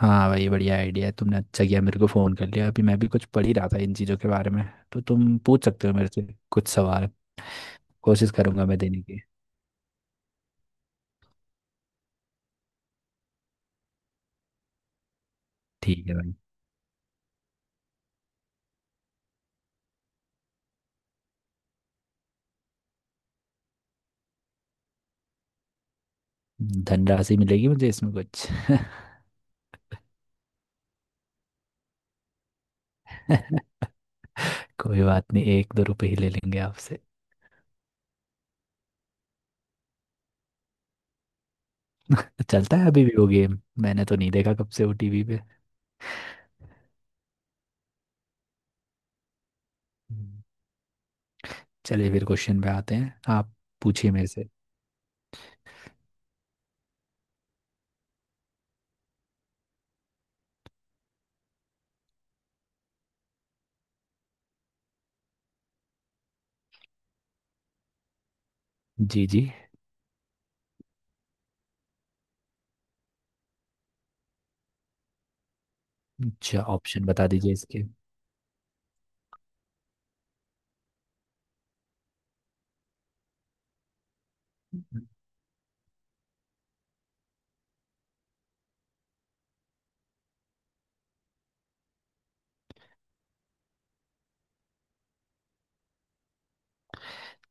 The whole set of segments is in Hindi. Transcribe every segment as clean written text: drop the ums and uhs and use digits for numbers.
हाँ भाई बढ़िया आइडिया है। तुमने अच्छा किया मेरे को फ़ोन कर लिया। अभी मैं भी कुछ पढ़ ही रहा था इन चीज़ों के बारे में। तो तुम पूछ सकते हो मेरे से कुछ सवाल। कोशिश करूंगा मैं देने की। ठीक है भाई। धनराशि मिलेगी मुझे इसमें कुछ? कोई बात नहीं, एक दो रुपए ही ले लेंगे आपसे। चलता है अभी भी वो गेम? मैंने तो नहीं देखा कब से वो टीवी पे। हम्म। चलिए फिर क्वेश्चन पे आते हैं। आप पूछिए मेरे से। जी जी। अच्छा, ऑप्शन बता दीजिए इसके।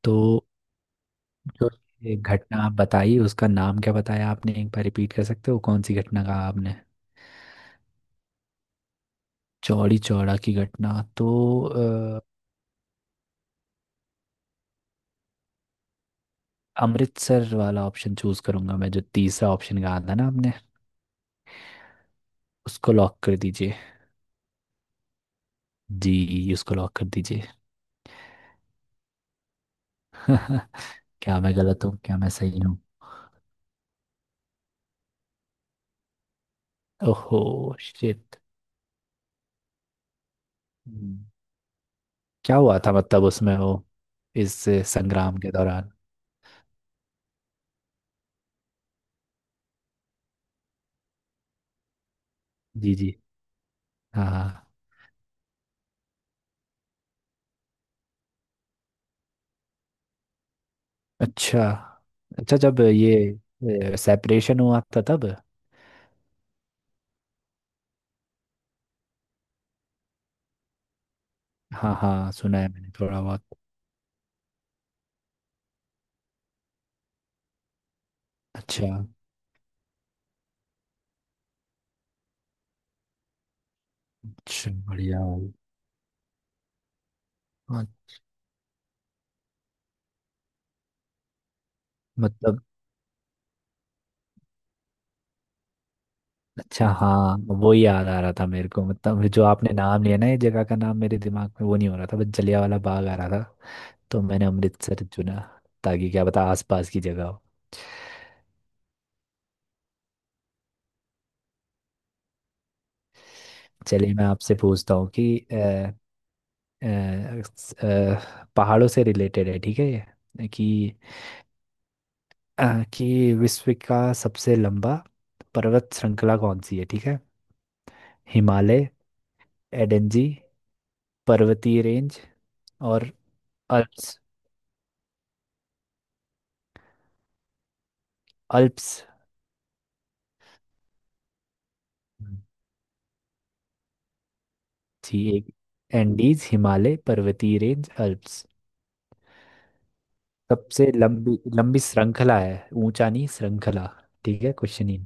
तो। तो ये घटना आप बताई उसका नाम क्या बताया आपने? एक बार रिपीट कर सकते हो? कौन सी घटना कहा आपने? चौड़ी चौड़ा की घटना। तो अ, अमृतसर वाला ऑप्शन चूज करूंगा मैं, जो तीसरा ऑप्शन कहा था ना आपने। उसको लॉक कर दीजिए। जी, उसको लॉक कर दीजिए। क्या मैं गलत हूँ? क्या मैं सही हूँ? ओहो। शिट। क्या हुआ था? मतलब उसमें वो इस संग्राम के दौरान। जी जी। हाँ हाँ। अच्छा। अच्छा जब ये सेपरेशन हुआ था तब। हाँ हाँ, सुना है मैंने थोड़ा बहुत। अच्छा। अच्छा बढ़िया भाई। हाँ, मतलब अच्छा हाँ। वो ही याद आ रहा था मेरे को, मतलब जो आपने नाम लिया ना, ये जगह का नाम मेरे दिमाग में वो नहीं हो रहा था, बस जलियांवाला बाग आ रहा था। तो मैंने अमृतसर चुना, ताकि क्या पता आसपास की जगह हो। चलिए मैं आपसे पूछता हूँ कि अ, पहाड़ों से रिलेटेड है, ठीक है ये, कि अ, कि विश्व का सबसे लंबा पर्वत श्रृंखला कौन सी है? ठीक है। हिमालय, एडेंजी पर्वतीय रेंज और अल्प्स। अल्प्स। जी एक। एंडीज, हिमालय पर्वतीय रेंज, अल्प्स। सबसे लंबी, लंबी श्रृंखला है। ऊंचा नहीं, श्रृंखला। ठीक है क्वेश्चन ही।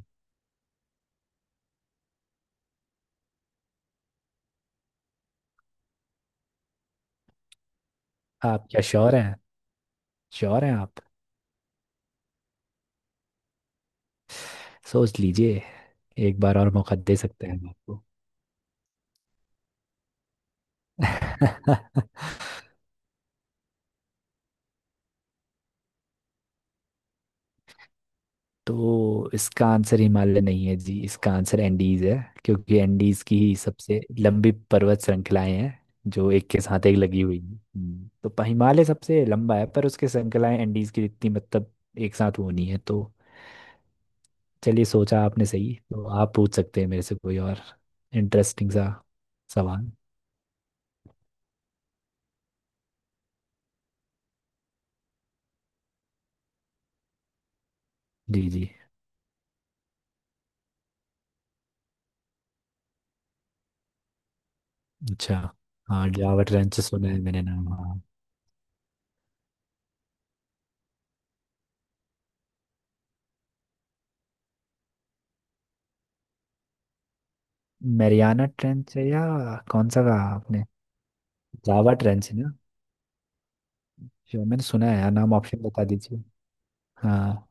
आप क्या श्योर हैं? श्योर हैं आप? सोच लीजिए, एक बार और मौका दे सकते हैं हम आपको। तो इसका आंसर हिमालय नहीं है जी, इसका आंसर एंडीज है। क्योंकि एंडीज की ही सबसे लंबी पर्वत श्रृंखलाएं हैं जो एक के साथ एक लगी हुई हैं। तो हिमालय सबसे लंबा है, पर उसके श्रृंखलाएं एंडीज की इतनी मतलब एक साथ वो नहीं है तो। चलिए, सोचा आपने सही, तो आप पूछ सकते हैं मेरे से कोई और इंटरेस्टिंग सा सवाल। जी जी। अच्छा। हाँ जावा ट्रेंच सुना है मैंने नाम, हाँ। मैरियाना ट्रेंच है? या कौन सा कहा आपने? जावा ट्रेंच जो मैंने सुना है यार नाम। ऑप्शन बता दीजिए। हाँ।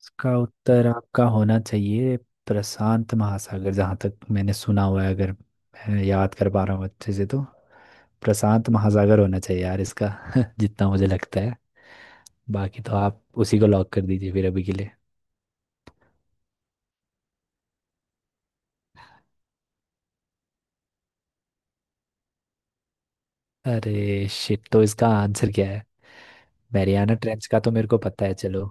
इसका उत्तर आपका होना चाहिए प्रशांत महासागर, जहाँ तक मैंने सुना हुआ है। अगर मैं याद कर पा रहा हूँ अच्छे से तो प्रशांत महासागर होना चाहिए यार इसका। जितना मुझे लगता है। बाकी तो आप उसी को लॉक कर दीजिए फिर अभी के लिए। अरे शिट। तो इसका आंसर क्या है? मैरियाना ट्रेंच का तो मेरे को पता है, चलो।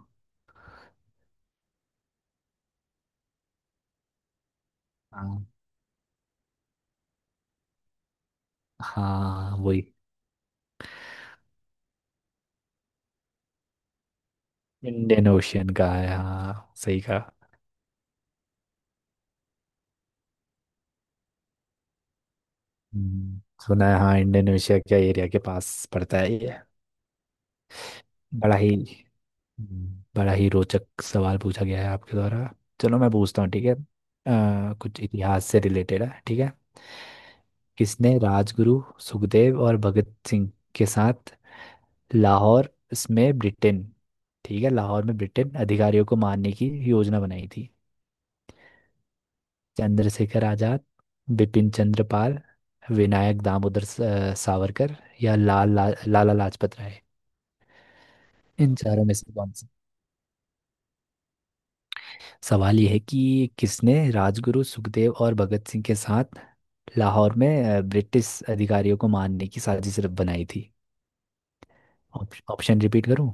हाँ हाँ वही। इंडियन ओशियन का है, हाँ सही कहा। हम्म, सुना है हाँ, इंडोनेशिया के एरिया के पास पड़ता है ये। बड़ा ही। बड़ा ही रोचक सवाल पूछा गया है आपके द्वारा। चलो मैं पूछता हूँ, ठीक है। कुछ इतिहास से रिलेटेड है, ठीक है। किसने राजगुरु सुखदेव और भगत सिंह के साथ लाहौर इसमें ब्रिटेन ठीक है, लाहौर में ब्रिटेन अधिकारियों को मारने की योजना बनाई थी? चंद्रशेखर आजाद, बिपिन चंद्र पाल, विनायक दामोदर सावरकर, या लाला लाजपत राय। इन चारों में से कौन सा? सवाल यह है कि किसने राजगुरु सुखदेव और भगत सिंह के साथ लाहौर में ब्रिटिश अधिकारियों को मारने की साजिश बनाई थी? ऑप्शन रिपीट करूं?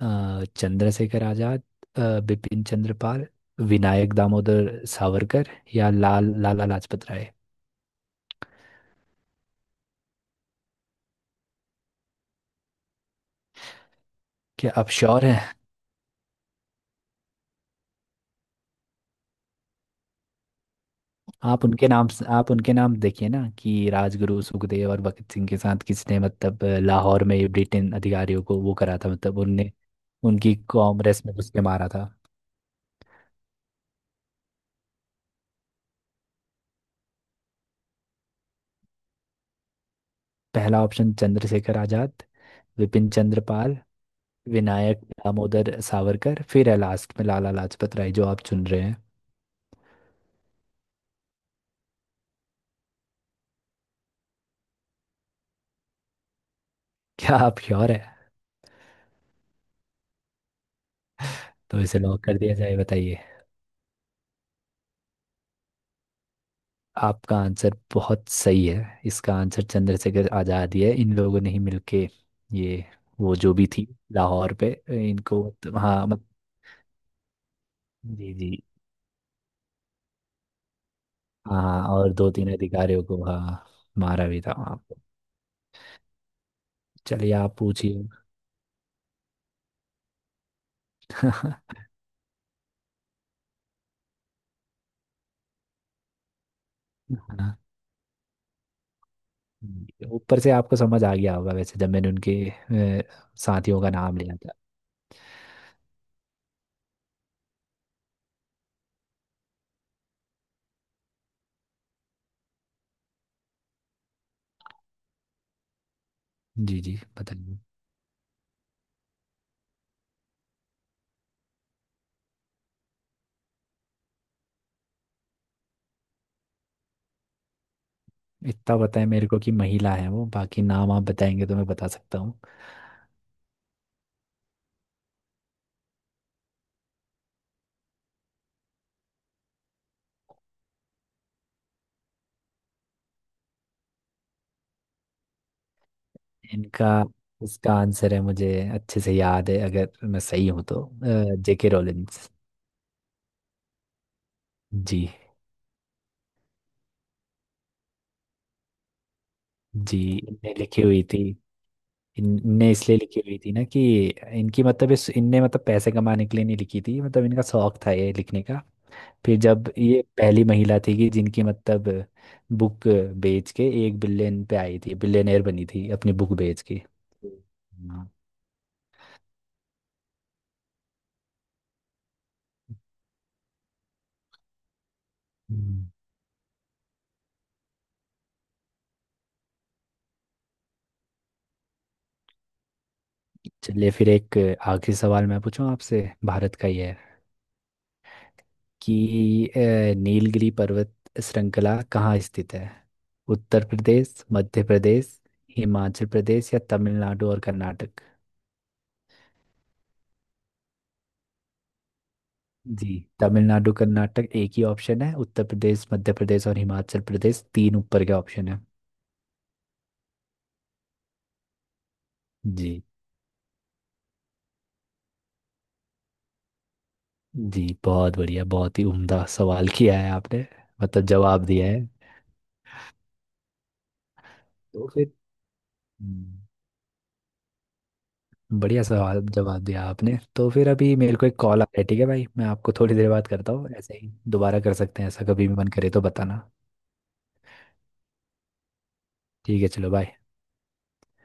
चंद्रशेखर आजाद, बिपिन चंद्र पाल, विनायक दामोदर सावरकर, या लाला लाजपत राय। क्या आप श्योर हैं? आप उनके नाम देखिए ना, कि राजगुरु सुखदेव और भगत सिंह के साथ किसने, मतलब लाहौर में ब्रिटेन अधिकारियों को वो करा था, मतलब उनने उनकी कांग्रेस में घुस के मारा था। पहला ऑप्शन चंद्रशेखर आजाद, विपिन चंद्र पाल, विनायक दामोदर सावरकर, फिर है लास्ट में लाला लाजपत राय जो आप चुन रहे हैं। क्या आप श्योर है? तो इसे लॉक कर दिया जाए, बताइए। आपका आंसर बहुत सही है, इसका आंसर चंद्रशेखर आजाद ही है। इन लोगों ने ही मिलके ये, वो जो भी थी लाहौर पे। इनको तो, हाँ मत, जी जी। हाँ हाँ, और दो तीन अधिकारियों को, हाँ मारा भी था वहाँ पे। चलिए आप पूछिए। हाँ, जी, ऊपर से आपको समझ आ गया होगा वैसे, जब मैंने उनके अ, साथियों का नाम लिया था। जी जी बताइए। इतना पता है मेरे को कि महिला है वो, बाकी नाम आप बताएंगे तो मैं बता सकता। इनका। इसका आंसर है, मुझे अच्छे से याद है अगर मैं सही हूं तो, जेके रोलिंस। जी। जी। इनने लिखी हुई थी। इनने इसलिए लिखी हुई थी ना कि इनकी मतलब इस इनने मतलब पैसे कमाने के लिए नहीं लिखी थी, मतलब इनका शौक था ये लिखने का। फिर जब ये पहली महिला थी कि जिनकी मतलब बुक बेच के 1 बिलियन पे आई थी, बिलियनर बनी थी अपनी बुक बेच के। हम्म। हाँ। हम्म। चलिए फिर एक आखिरी सवाल मैं पूछूं आपसे, भारत का ही है। कि नीलगिरी पर्वत श्रृंखला कहाँ स्थित है? उत्तर प्रदेश, मध्य प्रदेश, हिमाचल प्रदेश, या तमिलनाडु और कर्नाटक? जी। तमिलनाडु कर्नाटक एक ही ऑप्शन है। उत्तर प्रदेश, मध्य प्रदेश और हिमाचल प्रदेश तीन ऊपर के ऑप्शन है। जी। जी बहुत बढ़िया, बहुत ही उम्दा सवाल किया है आपने, मतलब जवाब दिया है। तो फिर हम्म, बढ़िया सवाल जवाब दिया आपने। तो फिर अभी मेरे को एक कॉल आ रहा है, ठीक है भाई मैं आपको थोड़ी देर बाद करता हूँ ऐसे ही। दोबारा कर सकते हैं, ऐसा कभी भी मन करे तो बताना। ठीक है, चलो बाय।